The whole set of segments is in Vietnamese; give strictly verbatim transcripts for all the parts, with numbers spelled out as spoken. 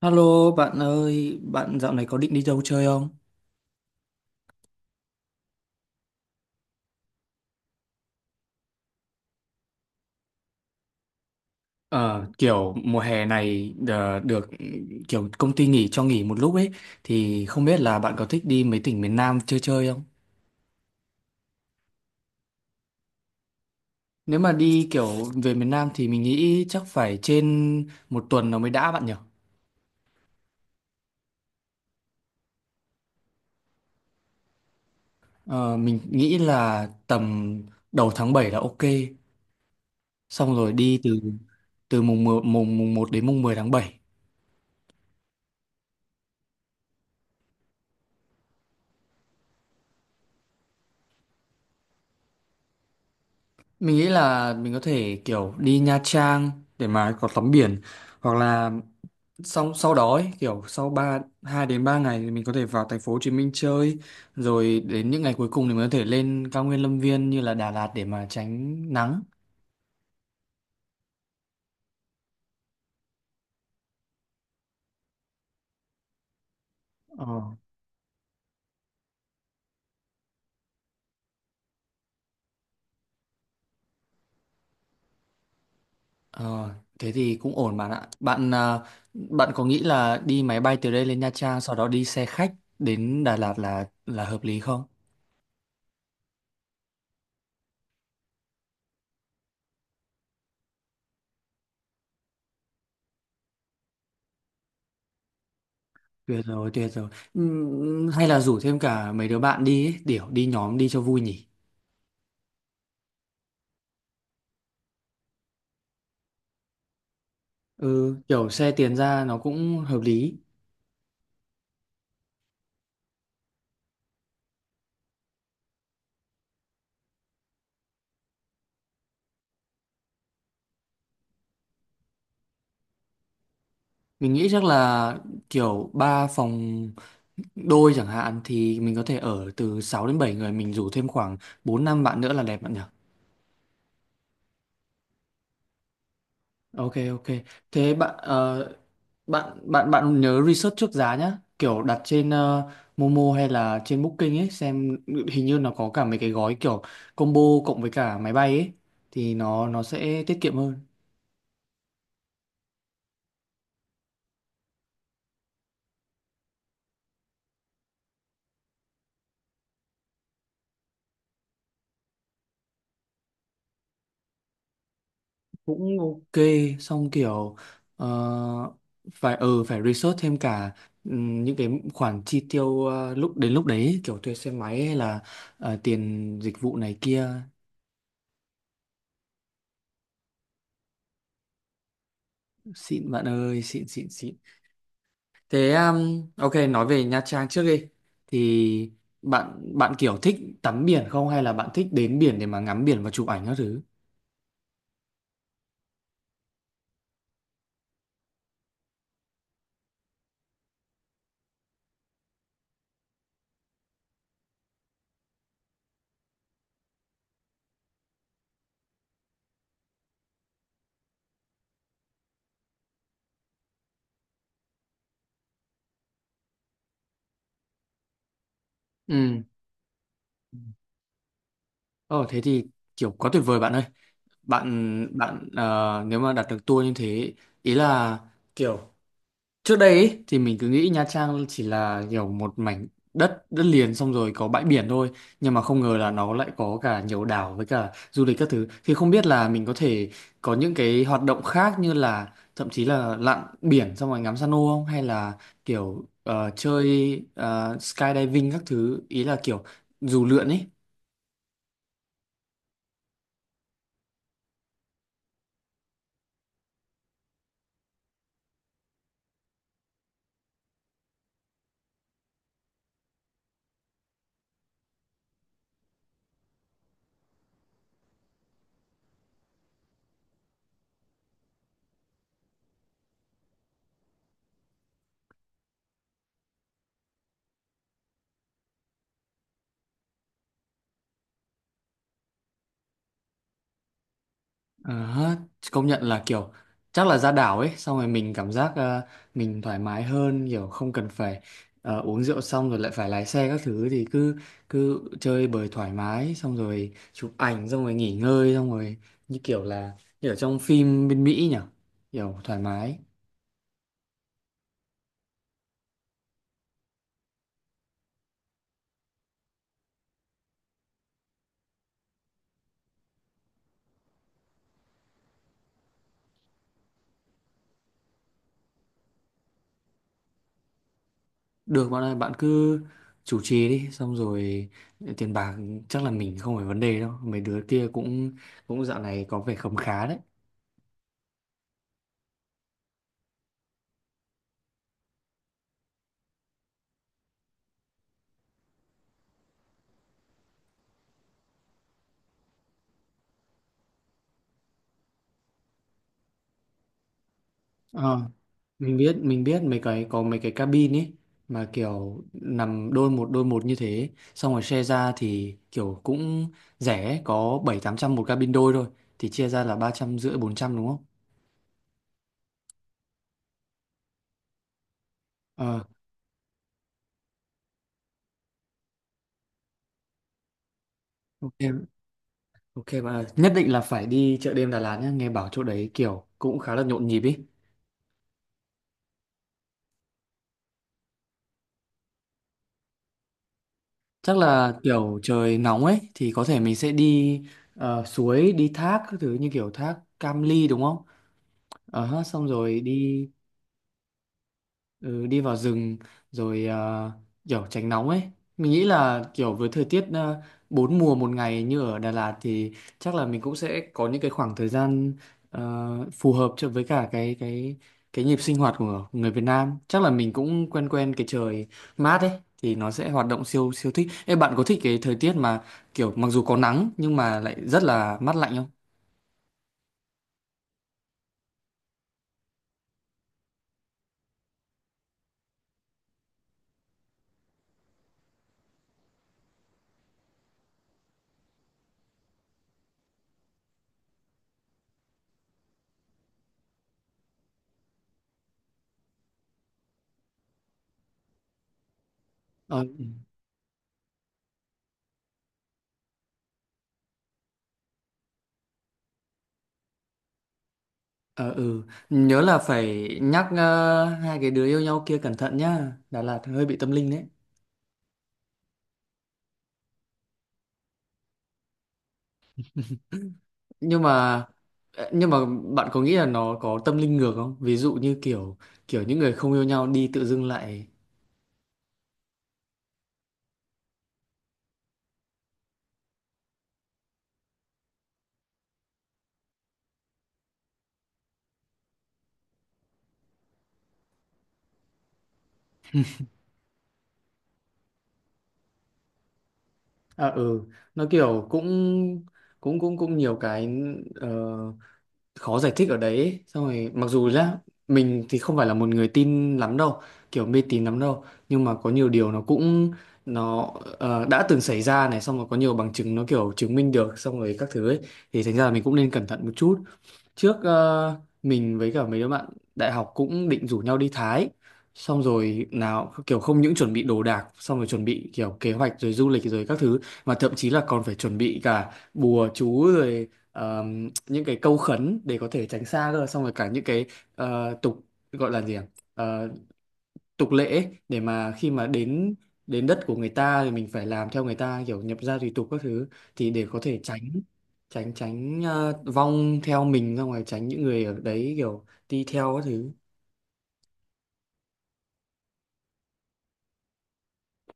Hello bạn ơi, bạn dạo này có định đi đâu chơi không? Ờ, kiểu mùa hè này ờ, được ừ, kiểu công ty nghỉ cho nghỉ một lúc ấy thì không biết là bạn có thích đi mấy tỉnh miền Nam chơi chơi không? Nếu mà đi kiểu về miền Nam thì mình nghĩ chắc phải trên một tuần nó mới đã bạn nhỉ? Ờ, mình nghĩ là tầm đầu tháng bảy là ok. Xong rồi đi từ từ mùng mười- mùng mùng một đến mùng mười tháng bảy. Mình nghĩ là mình có thể kiểu đi Nha Trang để mà có tắm biển hoặc là sau sau đó ấy, kiểu sau ba hai đến ba ngày thì mình có thể vào thành phố Hồ Chí Minh chơi, rồi đến những ngày cuối cùng thì mình có thể lên cao nguyên Lâm Viên như là Đà Lạt để mà tránh nắng. Ờ. Ờ, thế thì cũng ổn bạn ạ. Bạn à, bạn có nghĩ là đi máy bay từ đây lên Nha Trang sau đó đi xe khách đến Đà Lạt là là hợp lý không? Tuyệt rồi, tuyệt rồi. Ừm, hay là rủ thêm cả mấy đứa bạn đi ấy, để đi nhóm đi cho vui nhỉ. Ừ, kiểu xe tiền ra nó cũng hợp lý. Mình nghĩ chắc là kiểu ba phòng đôi chẳng hạn thì mình có thể ở từ sáu đến bảy người, mình rủ thêm khoảng bốn năm bạn nữa là đẹp bạn nhỉ. Ok ok, thế bạn ờ, bạn bạn bạn nhớ research trước giá nhá, kiểu đặt trên ờ, Momo hay là trên Booking ấy xem, hình như nó có cả mấy cái gói kiểu combo cộng với cả máy bay ấy thì nó nó sẽ tiết kiệm hơn. Cũng ok. Xong kiểu ờ, phải ừ phải research thêm cả ừm, những cái khoản chi tiêu ờ, lúc đến lúc đấy ấy, kiểu thuê xe máy hay là ờ, tiền dịch vụ này kia. Xịn bạn ơi, xịn xịn xịn. Thế um, ok, nói về Nha Trang trước đi, thì bạn bạn kiểu thích tắm biển không hay là bạn thích đến biển để mà ngắm biển và chụp ảnh các thứ? Ừ. Ồ thế thì kiểu quá tuyệt vời bạn ơi. Bạn bạn ờ, nếu mà đặt được tour như thế, ý là kiểu trước đây ý, thì mình cứ nghĩ Nha Trang chỉ là kiểu một mảnh đất đất liền xong rồi có bãi biển thôi, nhưng mà không ngờ là nó lại có cả nhiều đảo với cả du lịch các thứ, thì không biết là mình có thể có những cái hoạt động khác như là thậm chí là lặn biển xong rồi ngắm san hô không, hay là kiểu ờ, chơi ờ, skydiving các thứ, ý là kiểu dù lượn ấy. Ờ, công nhận là kiểu chắc là ra đảo ấy xong rồi mình cảm giác ờ, mình thoải mái hơn, kiểu không cần phải ờ, uống rượu xong rồi lại phải lái xe các thứ, thì cứ cứ chơi bời thoải mái xong rồi chụp ảnh xong rồi nghỉ ngơi xong rồi, như kiểu là như ở trong phim bên Mỹ nhỉ, kiểu thoải mái. Được bạn ơi, bạn cứ chủ trì đi, xong rồi tiền bạc chắc là mình không phải vấn đề đâu, mấy đứa kia cũng cũng dạo này có vẻ khấm khá đấy. Ờ. Mình biết, mình biết mấy cái có mấy cái cabin ấy mà kiểu nằm đôi một đôi một như thế xong rồi share ra thì kiểu cũng rẻ, có bảy tám trăm một cabin đôi thôi, thì chia ra là ba trăm rưỡi bốn trăm đúng không? Ờ. Ok, ok bạn ơi. Nhất định là phải đi chợ đêm Đà Lạt nhé, nghe bảo chỗ đấy kiểu cũng khá là nhộn nhịp ý. Chắc là kiểu trời nóng ấy thì có thể mình sẽ đi ờ, suối đi thác các thứ, như kiểu thác Cam Ly đúng không, ờ ha, xong rồi đi. Ừ, đi vào rừng rồi ờ, kiểu tránh nóng ấy. Mình nghĩ là kiểu với thời tiết ờ, bốn mùa một ngày như ở Đà Lạt thì chắc là mình cũng sẽ có những cái khoảng thời gian ờ, phù hợp cho với cả cái cái cái nhịp sinh hoạt của người Việt Nam, chắc là mình cũng quen quen cái trời mát ấy thì nó sẽ hoạt động siêu siêu thích. Ê, bạn có thích cái thời tiết mà kiểu mặc dù có nắng nhưng mà lại rất là mát lạnh không? Ờ. Ờ ừ, nhớ là phải nhắc ờ, hai cái đứa yêu nhau kia cẩn thận nhá, Đà Lạt hơi bị tâm linh đấy. Nhưng mà ờ, nhưng mà bạn có nghĩ là nó có tâm linh ngược không? Ví dụ như kiểu kiểu những người không yêu nhau đi tự dưng lại. À ừ, nó kiểu cũng cũng cũng cũng nhiều cái ờ, khó giải thích ở đấy ấy. Xong rồi mặc dù là mình thì không phải là một người tin lắm đâu, kiểu mê tín lắm đâu, nhưng mà có nhiều điều nó cũng nó ờ, đã từng xảy ra này, xong rồi có nhiều bằng chứng nó kiểu chứng minh được xong rồi các thứ ấy, thì thành ra là mình cũng nên cẩn thận một chút. Trước ờ, mình với cả mấy đứa bạn đại học cũng định rủ nhau đi Thái, xong rồi nào kiểu không những chuẩn bị đồ đạc xong rồi chuẩn bị kiểu kế hoạch rồi du lịch rồi các thứ, mà thậm chí là còn phải chuẩn bị cả bùa chú rồi ờm, những cái câu khấn để có thể tránh xa cơ, xong rồi cả những cái ờ, tục gọi là gì à? Tục lệ ấy, để mà khi mà đến đến đất của người ta thì mình phải làm theo người ta, kiểu nhập gia tùy tục các thứ, thì để có thể tránh tránh tránh ờ, vong theo mình ra ngoài, tránh những người ở đấy kiểu đi theo các thứ.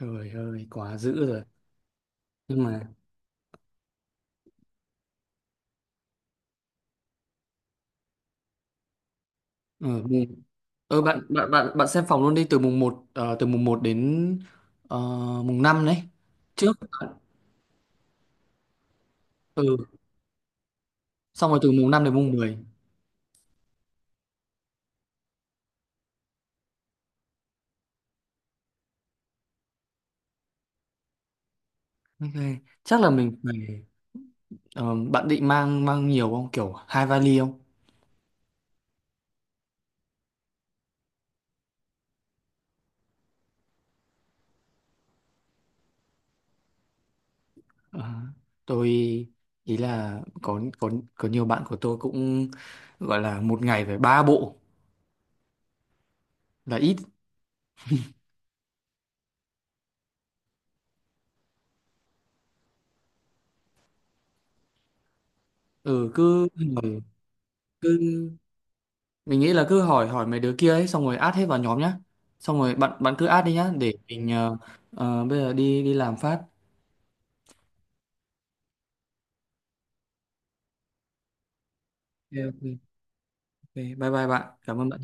Trời ơi quá dữ rồi. Nhưng mà ờ mùng- ờ, bạn bạn bạn bạn xem phòng luôn đi, từ mùng một từ mùng một đến ờ, mùng năm đấy trước. Ừ, xong rồi từ mùng năm đến mùng mười. Ok, chắc là mình phải ờ, bạn định mang mang nhiều không, kiểu hai vali không? Ờ, tôi ý là có có có nhiều bạn của tôi cũng gọi là một ngày phải ba bộ là ít. Ừ cứ hỏi- cứ Mình nghĩ là cứ hỏi hỏi mấy đứa kia ấy xong rồi add hết vào nhóm nhá, xong rồi bạn bạn cứ add đi nhá để mình ờ, ờ, bây giờ đi đi làm phát. Ok, ok. Ok, bye bye bạn, cảm ơn bạn.